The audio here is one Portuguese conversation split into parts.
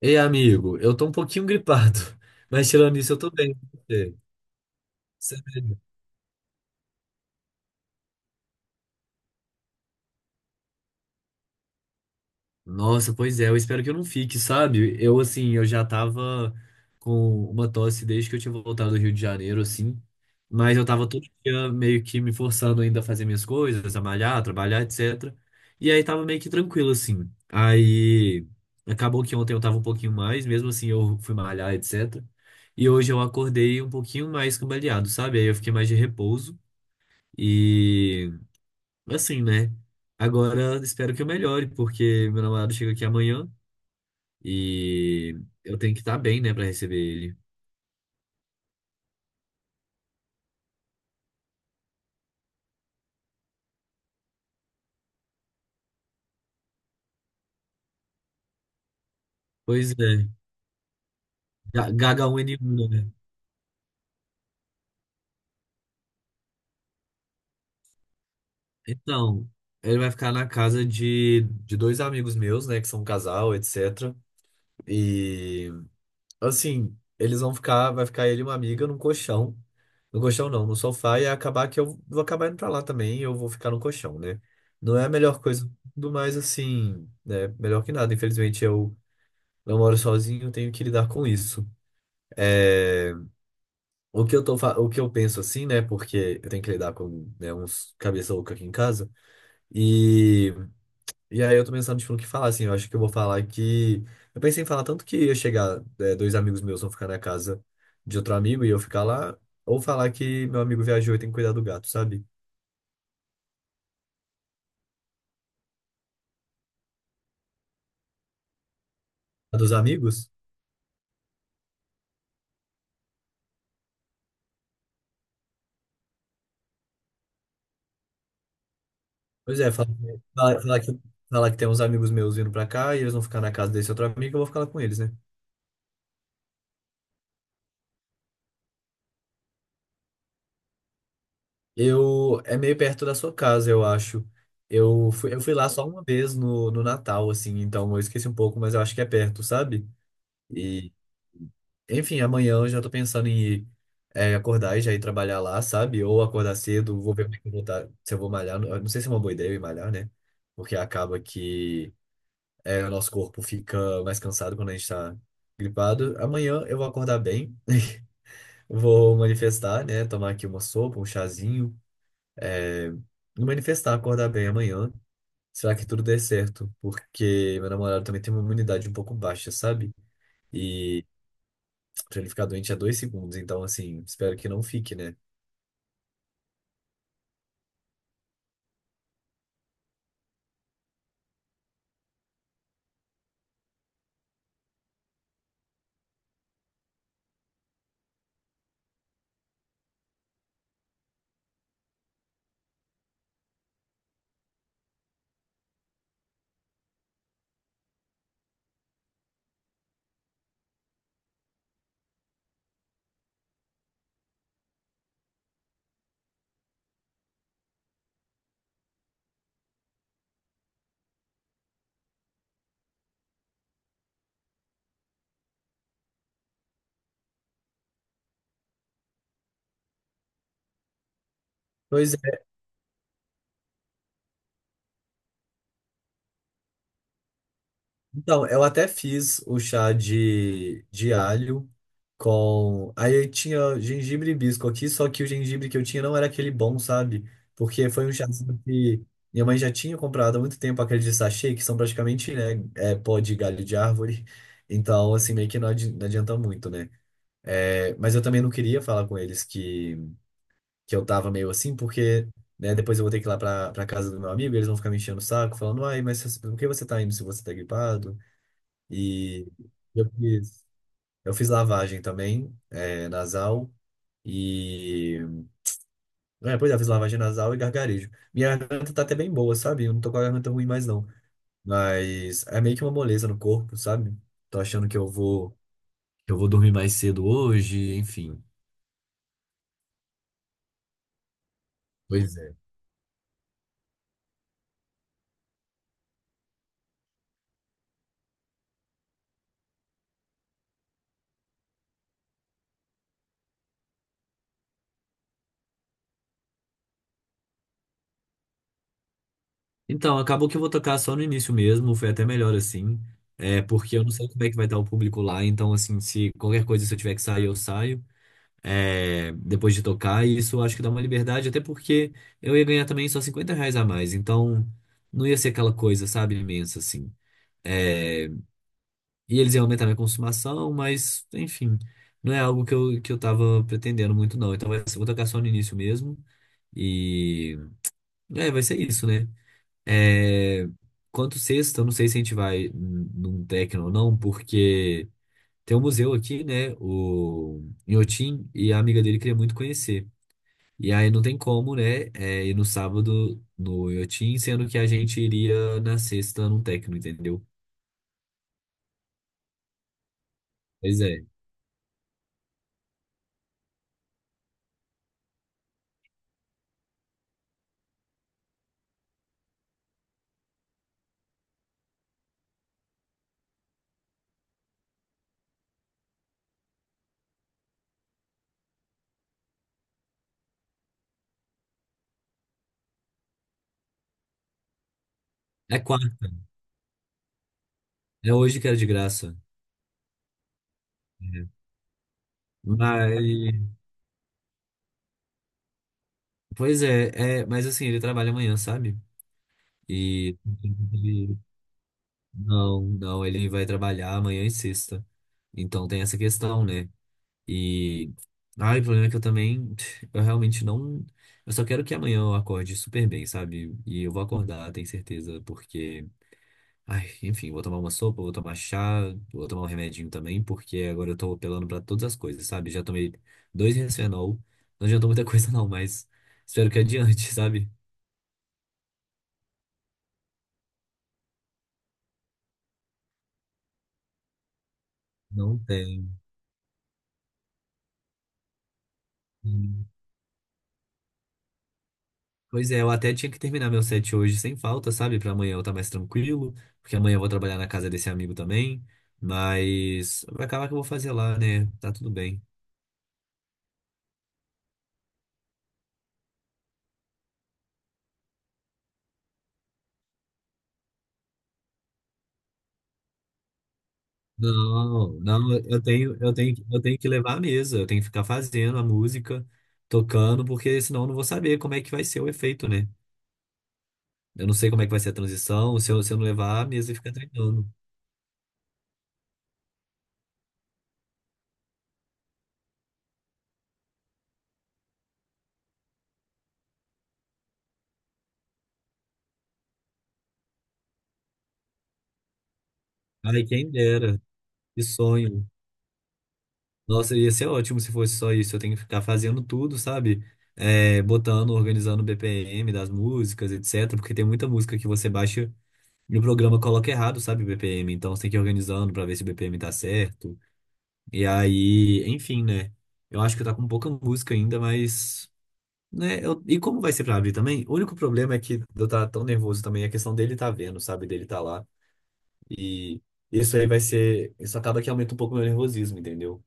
Ei, amigo, eu tô um pouquinho gripado, mas tirando isso, eu tô bem. E você? Sério? Nossa, pois é, eu espero que eu não fique, sabe? Eu, assim, eu já tava com uma tosse desde que eu tinha voltado do Rio de Janeiro, assim, mas eu tava todo dia meio que me forçando ainda a fazer minhas coisas, a malhar, trabalhar, etc. E aí tava meio que tranquilo, assim. Aí acabou que ontem eu tava um pouquinho mais, mesmo assim eu fui malhar, etc. E hoje eu acordei um pouquinho mais cambaleado, sabe? Aí eu fiquei mais de repouso. E assim, né? Agora espero que eu melhore, porque meu namorado chega aqui amanhã e eu tenho que estar bem, né, pra receber ele. Pois é, Ga- H1N1, né? Então, ele vai ficar na casa de dois amigos meus, né, que são um casal, etc. E, assim, eles vão ficar, vai ficar ele e uma amiga num colchão. No colchão não, no sofá, e acabar que eu vou acabar indo pra lá também, e eu vou ficar no colchão, né? Não é a melhor coisa do mais, assim, né? Melhor que nada. Infelizmente, eu moro sozinho, tenho que lidar com isso. É, o que eu tô, o que eu penso assim, né? Porque eu tenho que lidar com, né, uns cabeça louca aqui em casa. E, e aí eu tô pensando, tipo, no que falar, assim. Eu acho que eu vou falar que. Eu pensei em falar tanto que ia chegar, é, dois amigos meus vão ficar na casa de outro amigo e eu ficar lá. Ou falar que meu amigo viajou e tem que cuidar do gato, sabe? A Dos amigos? Pois é, falar, falar que, falar que tem uns amigos meus vindo pra cá e eles vão ficar na casa desse outro amigo, eu vou ficar lá com eles, né? Eu é meio perto da sua casa, eu acho. Eu fui lá só uma vez no Natal, assim, então eu esqueci um pouco, mas eu acho que é perto, sabe? E, enfim, amanhã eu já tô pensando em ir, é, acordar e já ir trabalhar lá, sabe? Ou acordar cedo, vou ver como é que eu vou se eu vou malhar. Eu não sei se é uma boa ideia eu ir malhar, né? Porque acaba que é, o nosso corpo fica mais cansado quando a gente tá gripado. Amanhã eu vou acordar bem, vou manifestar, né? Tomar aqui uma sopa, um chazinho é, me manifestar, acordar bem amanhã. Será que tudo dê certo? Porque meu namorado também tem uma imunidade um pouco baixa, sabe? E pra ele ficar doente é 2 segundos, então assim, espero que não fique, né? Pois é, então, eu até fiz o chá de alho com. Aí tinha gengibre e hibisco aqui, só que o gengibre que eu tinha não era aquele bom, sabe? Porque foi um chá que minha mãe já tinha comprado há muito tempo aqueles de sachê, que são praticamente, né, é, pó de galho de árvore. Então, assim, meio que não adianta muito, né? É, mas eu também não queria falar com eles que eu tava meio assim, porque. Né? Depois eu vou ter que ir lá pra casa do meu amigo, e eles vão ficar me enchendo o saco, falando, ai, mas por que você tá indo se você tá gripado? E eu fiz, eu fiz lavagem também, é, nasal. E. É, pois é, eu fiz lavagem nasal e gargarejo. Minha garganta tá até bem boa, sabe? Eu não tô com a garganta ruim mais não. Mas é meio que uma moleza no corpo, sabe? Tô achando que eu vou dormir mais cedo hoje, enfim. Pois é. Então, acabou que eu vou tocar só no início mesmo, foi até melhor assim. É, porque eu não sei como é que vai estar o público lá, então assim, se qualquer coisa se eu tiver que sair, eu saio. É, depois de tocar, e isso eu acho que dá uma liberdade, até porque eu ia ganhar também só R$ 50 a mais, então não ia ser aquela coisa, sabe, imensa assim. É, e eles iam aumentar minha consumação, mas enfim, não é algo que eu tava pretendendo muito, não. Então vai ser, vou tocar só no início mesmo, e é, vai ser isso, né? É, quanto sexta, eu não sei se a gente vai num techno ou não, porque. Tem um museu aqui, né? O Inhotim, e a amiga dele queria muito conhecer. E aí não tem como, né? É, ir no sábado no Yotin, sendo que a gente iria na sexta num técnico, entendeu? Pois é. É quarta. É hoje que era de graça. É. Mas, pois é, é, mas assim, ele trabalha amanhã, sabe? E ele- não, não, ele vai trabalhar amanhã e sexta. Então tem essa questão, né? E ai, o problema é que eu também, eu realmente não, eu só quero que amanhã eu acorde super bem, sabe? E eu vou acordar, tenho certeza, porque ai, enfim, vou tomar uma sopa, vou tomar chá, vou tomar um remedinho também, porque agora eu tô apelando pra todas as coisas, sabe? Já tomei dois Resfenol, não adiantou muita coisa não, mas espero que adiante, sabe? Não tem. Hum. Pois é, eu até tinha que terminar meu set hoje sem falta, sabe? Pra amanhã eu estar mais tranquilo, porque amanhã eu vou trabalhar na casa desse amigo também, mas vai acabar que eu vou fazer lá, né? Tá tudo bem. Não, não, eu tenho que levar a mesa, eu tenho que ficar fazendo a música, tocando, porque senão eu não vou saber como é que vai ser o efeito, né? Eu não sei como é que vai ser a transição, se eu não levar a mesa e ficar treinando. Ai, quem dera, que sonho. Nossa, ia ser ótimo se fosse só isso, eu tenho que ficar fazendo tudo, sabe? É, botando, organizando o BPM das músicas, etc, porque tem muita música que você baixa e o programa coloca errado, sabe, o BPM, então você tem que ir organizando pra ver se o BPM tá certo. E aí, enfim, né? Eu acho que tá com pouca música ainda, mas. Né? E como vai ser pra abrir também? O único problema é que eu tá tão nervoso também, a questão dele tá vendo, sabe? Dele tá lá. E isso aí vai ser. Isso acaba que aumenta um pouco o meu nervosismo, entendeu?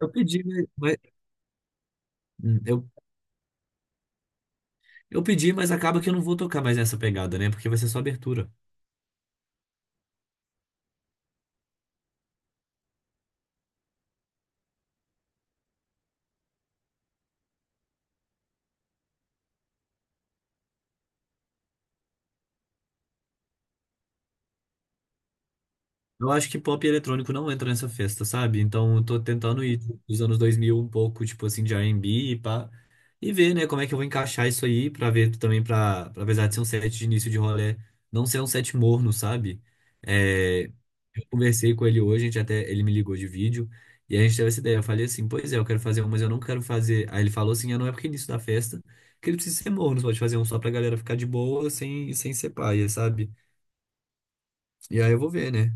Eu pedi, mas. Hum, eu, eu pedi, mas acaba que eu não vou tocar mais nessa pegada, né? Porque vai ser só abertura. Eu acho que pop e eletrônico não entra nessa festa, sabe? Então eu tô tentando ir dos anos 2000 um pouco, tipo assim, de R&B e B e pá. E ver, né, como é que eu vou encaixar isso aí pra ver também, pra apesar de ser um set de início de rolê, não ser um set morno, sabe? É, eu conversei com ele hoje, a gente até, ele me ligou de vídeo, e a gente teve essa ideia. Eu falei assim, pois é, eu quero fazer um, mas eu não quero fazer. Aí ele falou assim, ah, não é porque é início da festa, que ele precisa ser morno, você pode fazer um só pra galera ficar de boa, sem ser paia, sabe? E aí eu vou ver, né?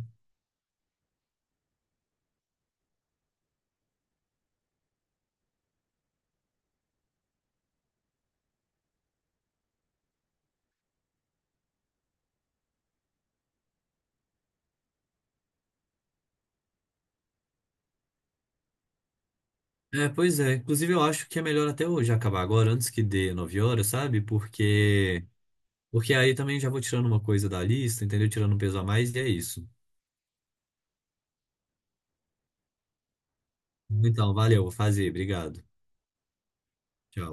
É, pois é. Inclusive, eu acho que é melhor até hoje acabar agora, antes que dê 9 horas, sabe? Porque aí também já vou tirando uma coisa da lista, entendeu? Tirando um peso a mais, e é isso. Então, valeu, vou fazer. Obrigado. Tchau.